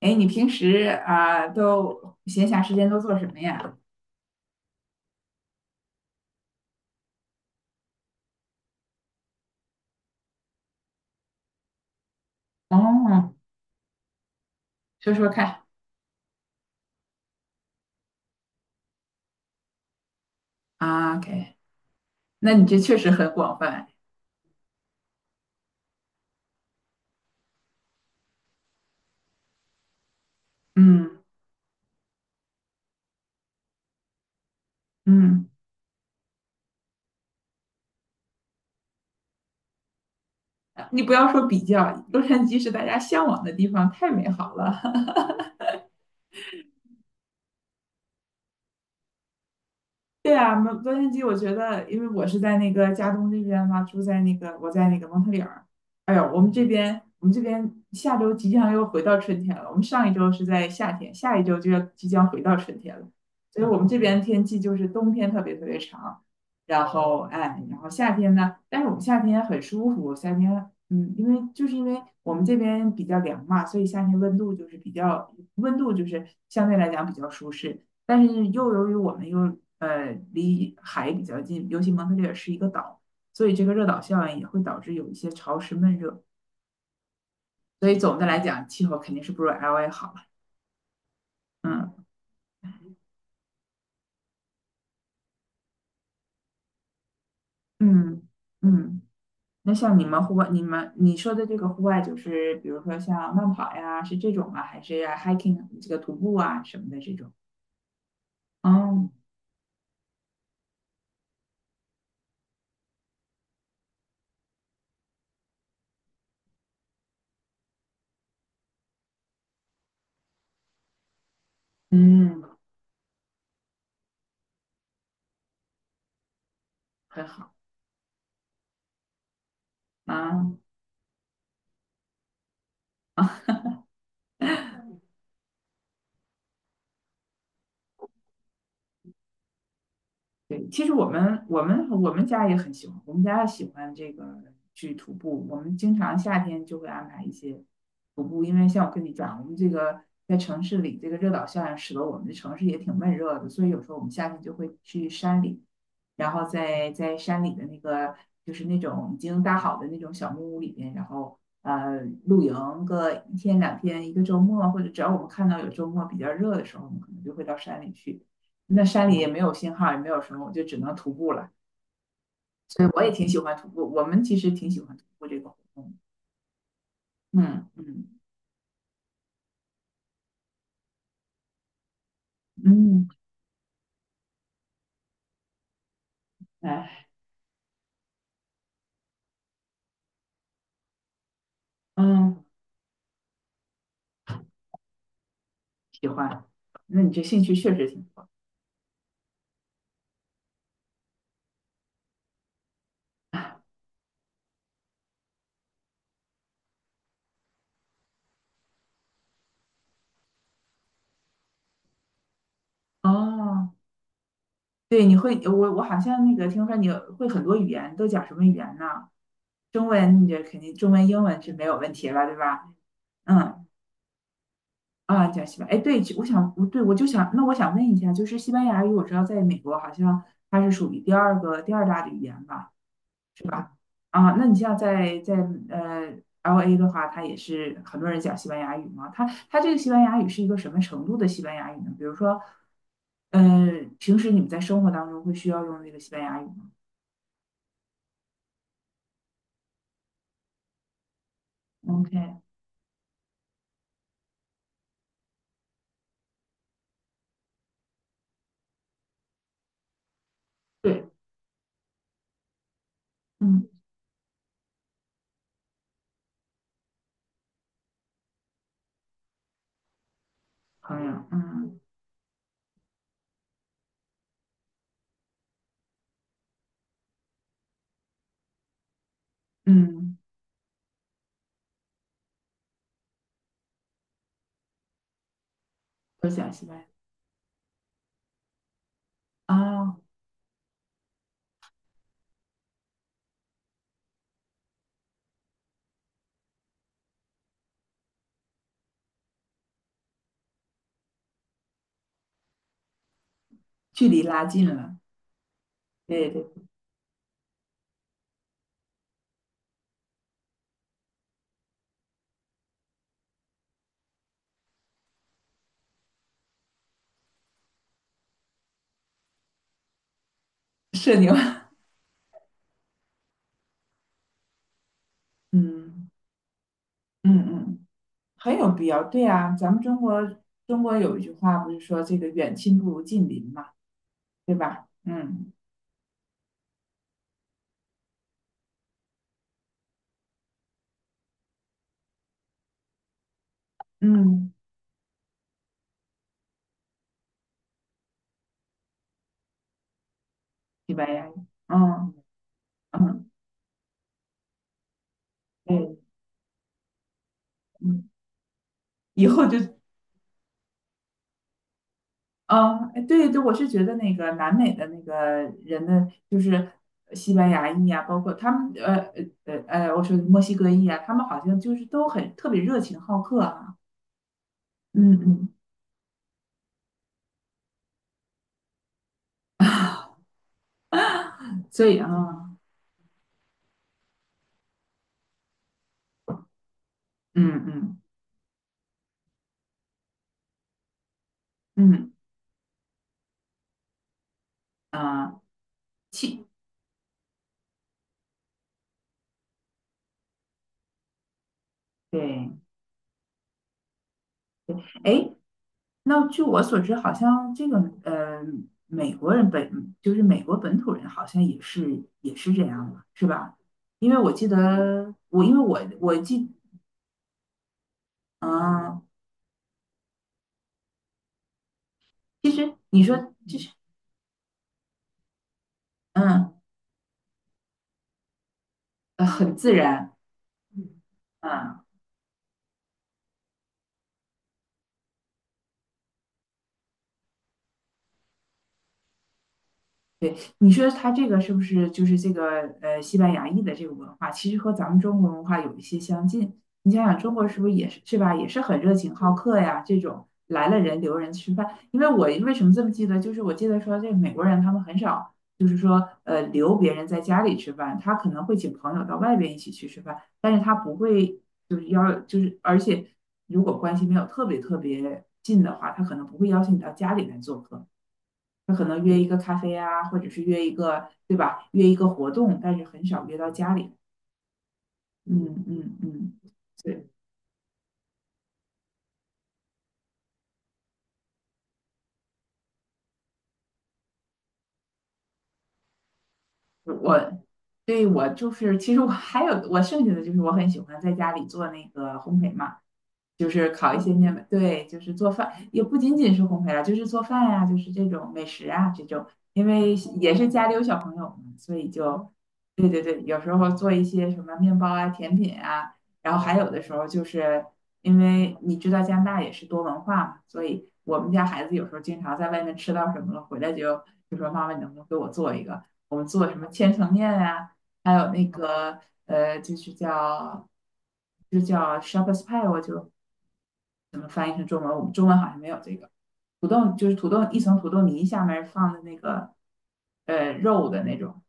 哎，你平时啊、都闲暇时间都做什么呀？哦，说说看啊，OK，那你这确实很广泛。嗯嗯，你不要说比较，洛杉矶是大家向往的地方，太美好了。对啊，蒙洛杉矶，我觉得，因为我是在那个加东这边嘛，住在那个我在那个蒙特利尔。哎呦，我们这边下周即将又回到春天了。我们上一周是在夏天，下一周就要即将回到春天了。所以我们这边天气就是冬天特别特别长，然后哎，然后夏天呢，但是我们夏天很舒服，夏天嗯，因为因为我们这边比较凉嘛，所以夏天温度就是相对来讲比较舒适。但是又由于我们又离海比较近，尤其蒙特利尔是一个岛，所以这个热岛效应也会导致有一些潮湿闷热。所以总的来讲，气候肯定是不如 LA 好了。嗯嗯嗯。那像你们户外，你说的这个户外，就是比如说像慢跑呀，是这种啊，还是 hiking 这个徒步啊什么的这种？哦，嗯，很好啊啊。嗯对，其实我们家也很喜欢，我们家喜欢这个去徒步，我们经常夏天就会安排一些徒步，因为像我跟你讲，我们这个在城市里，这个热岛效应使得我们的城市也挺闷热的，所以有时候我们夏天就会去山里，然后在山里的那个就是那种已经搭好的那种小木屋里边，然后呃露营个一天两天，一个周末，或者只要我们看到有周末比较热的时候，我们可能就会到山里去。那山里也没有信号，也没有什么，我就只能徒步了。对，我也挺喜欢徒步，我们其实挺喜欢徒步这个活动。嗯嗯嗯，哎嗯，喜欢。那你这兴趣确实挺多。哦，对，你会我我好像那个听说你会很多语言，都讲什么语言呢？中文你这肯定中文、英文是没有问题了，对吧？嗯啊，讲西班牙。哎，对，我想，我对我就想，那我想问一下，就是西班牙语，我知道在美国好像它是属于第二大的语言吧？啊，那你像在呃 LA 的话，它也是很多人讲西班牙语嘛。它这个西班牙语是一个什么程度的西班牙语呢？比如说，呃，平时你们在生活当中会需要用这个西班牙语吗？OK，对，嗯，朋友，嗯嗯，都讲西班牙啊，距离拉近了，对对，社牛，嗯嗯嗯，很有必要。对啊，咱们中国有一句话不是说这个远亲不如近邻嘛，对吧？嗯嗯。西班牙语，嗯嗯，对，嗯，以后就，嗯，哎对对，我是觉得那个南美的那个人的，就是西班牙裔啊，包括他们，我说墨西哥裔啊，他们好像就是都很特别热情好客啊，嗯嗯，所以啊，嗯嗯嗯啊，气，对，哎，那据我所知，好像这个呃，美国人本就是美国本土人，好像也是也是这样的，是吧？因为我记得我，因为我我记，嗯、其实你说就是嗯很自然，嗯、对，你说他这个是不是就是这个西班牙裔的这个文化，其实和咱们中国文化有一些相近。你想想，中国是不是也是是吧，也是很热情好客呀？这种来了人留人吃饭。因为我为什么这么记得，就是我记得说这美国人他们很少，就是说留别人在家里吃饭，他可能会请朋友到外边一起去吃饭，但是他不会就是要就是而且如果关系没有特别特别近的话，他可能不会邀请你到家里来做客。他可能约一个咖啡啊，或者是约一个，对吧？约一个活动，但是很少约到家里。嗯嗯嗯，对，我对我就是，其实我还有我剩下的就是我很喜欢在家里做那个烘焙嘛。就是烤一些面包对，就是做饭，也不仅仅是烘焙了，就是做饭呀、就是这种美食啊，这种，因为也是家里有小朋友嘛，所以就，对对对，有时候做一些什么面包啊、甜品啊，然后还有的时候就是因为你知道加拿大也是多文化嘛，所以我们家孩子有时候经常在外面吃到什么了，回来就就说妈妈，你能不能给我做一个？我们做什么千层面啊，还有那个就是叫。就叫 s h a k h e r d s pie，我就怎么翻译成中文？我们中文好像没有这个土豆，就是土豆一层土豆泥下面放的那个肉的那种，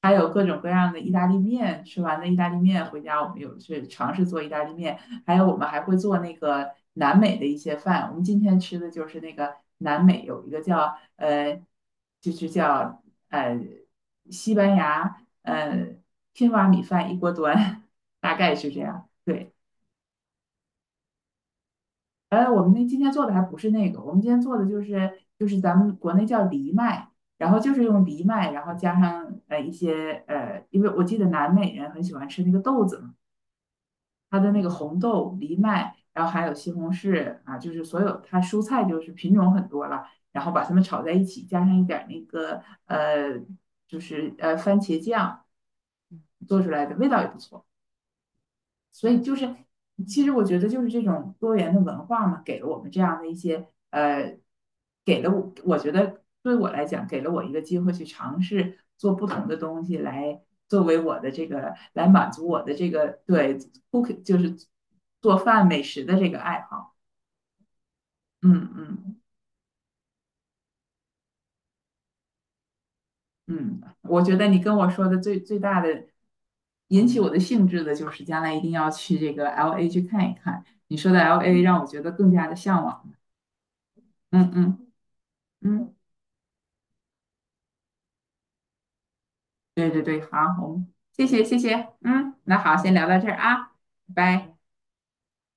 还有各种各样的意大利面。吃完的意大利面回家，我们有去尝试做意大利面，还有我们还会做那个南美的一些饭。我们今天吃的就是那个南美有一个叫就是叫呃西班牙天蛙米饭一锅端，大概是这样。对。我们那今天做的还不是那个，我们今天做的就是咱们国内叫藜麦，然后就是用藜麦，然后加上一些，因为我记得南美人很喜欢吃那个豆子嘛，它的那个红豆、藜麦，然后还有西红柿啊，就是所有它蔬菜就是品种很多了，然后把它们炒在一起，加上一点儿那个呃就是番茄酱做出来的味道也不错。所以就是，其实我觉得就是这种多元的文化嘛，给了我们这样的一些，给了我，我觉得对我来讲，给了我一个机会去尝试做不同的东西，来作为我的这个来满足我的这个对 cook 就是做饭美食的这个爱好。嗯嗯嗯，我觉得你跟我说的最大的引起我的兴致的就是将来一定要去这个 LA 去看一看。你说的 LA 让我觉得更加的向往。嗯嗯嗯。对对对，好，我们谢谢，嗯，那好，先聊到这儿啊，拜拜。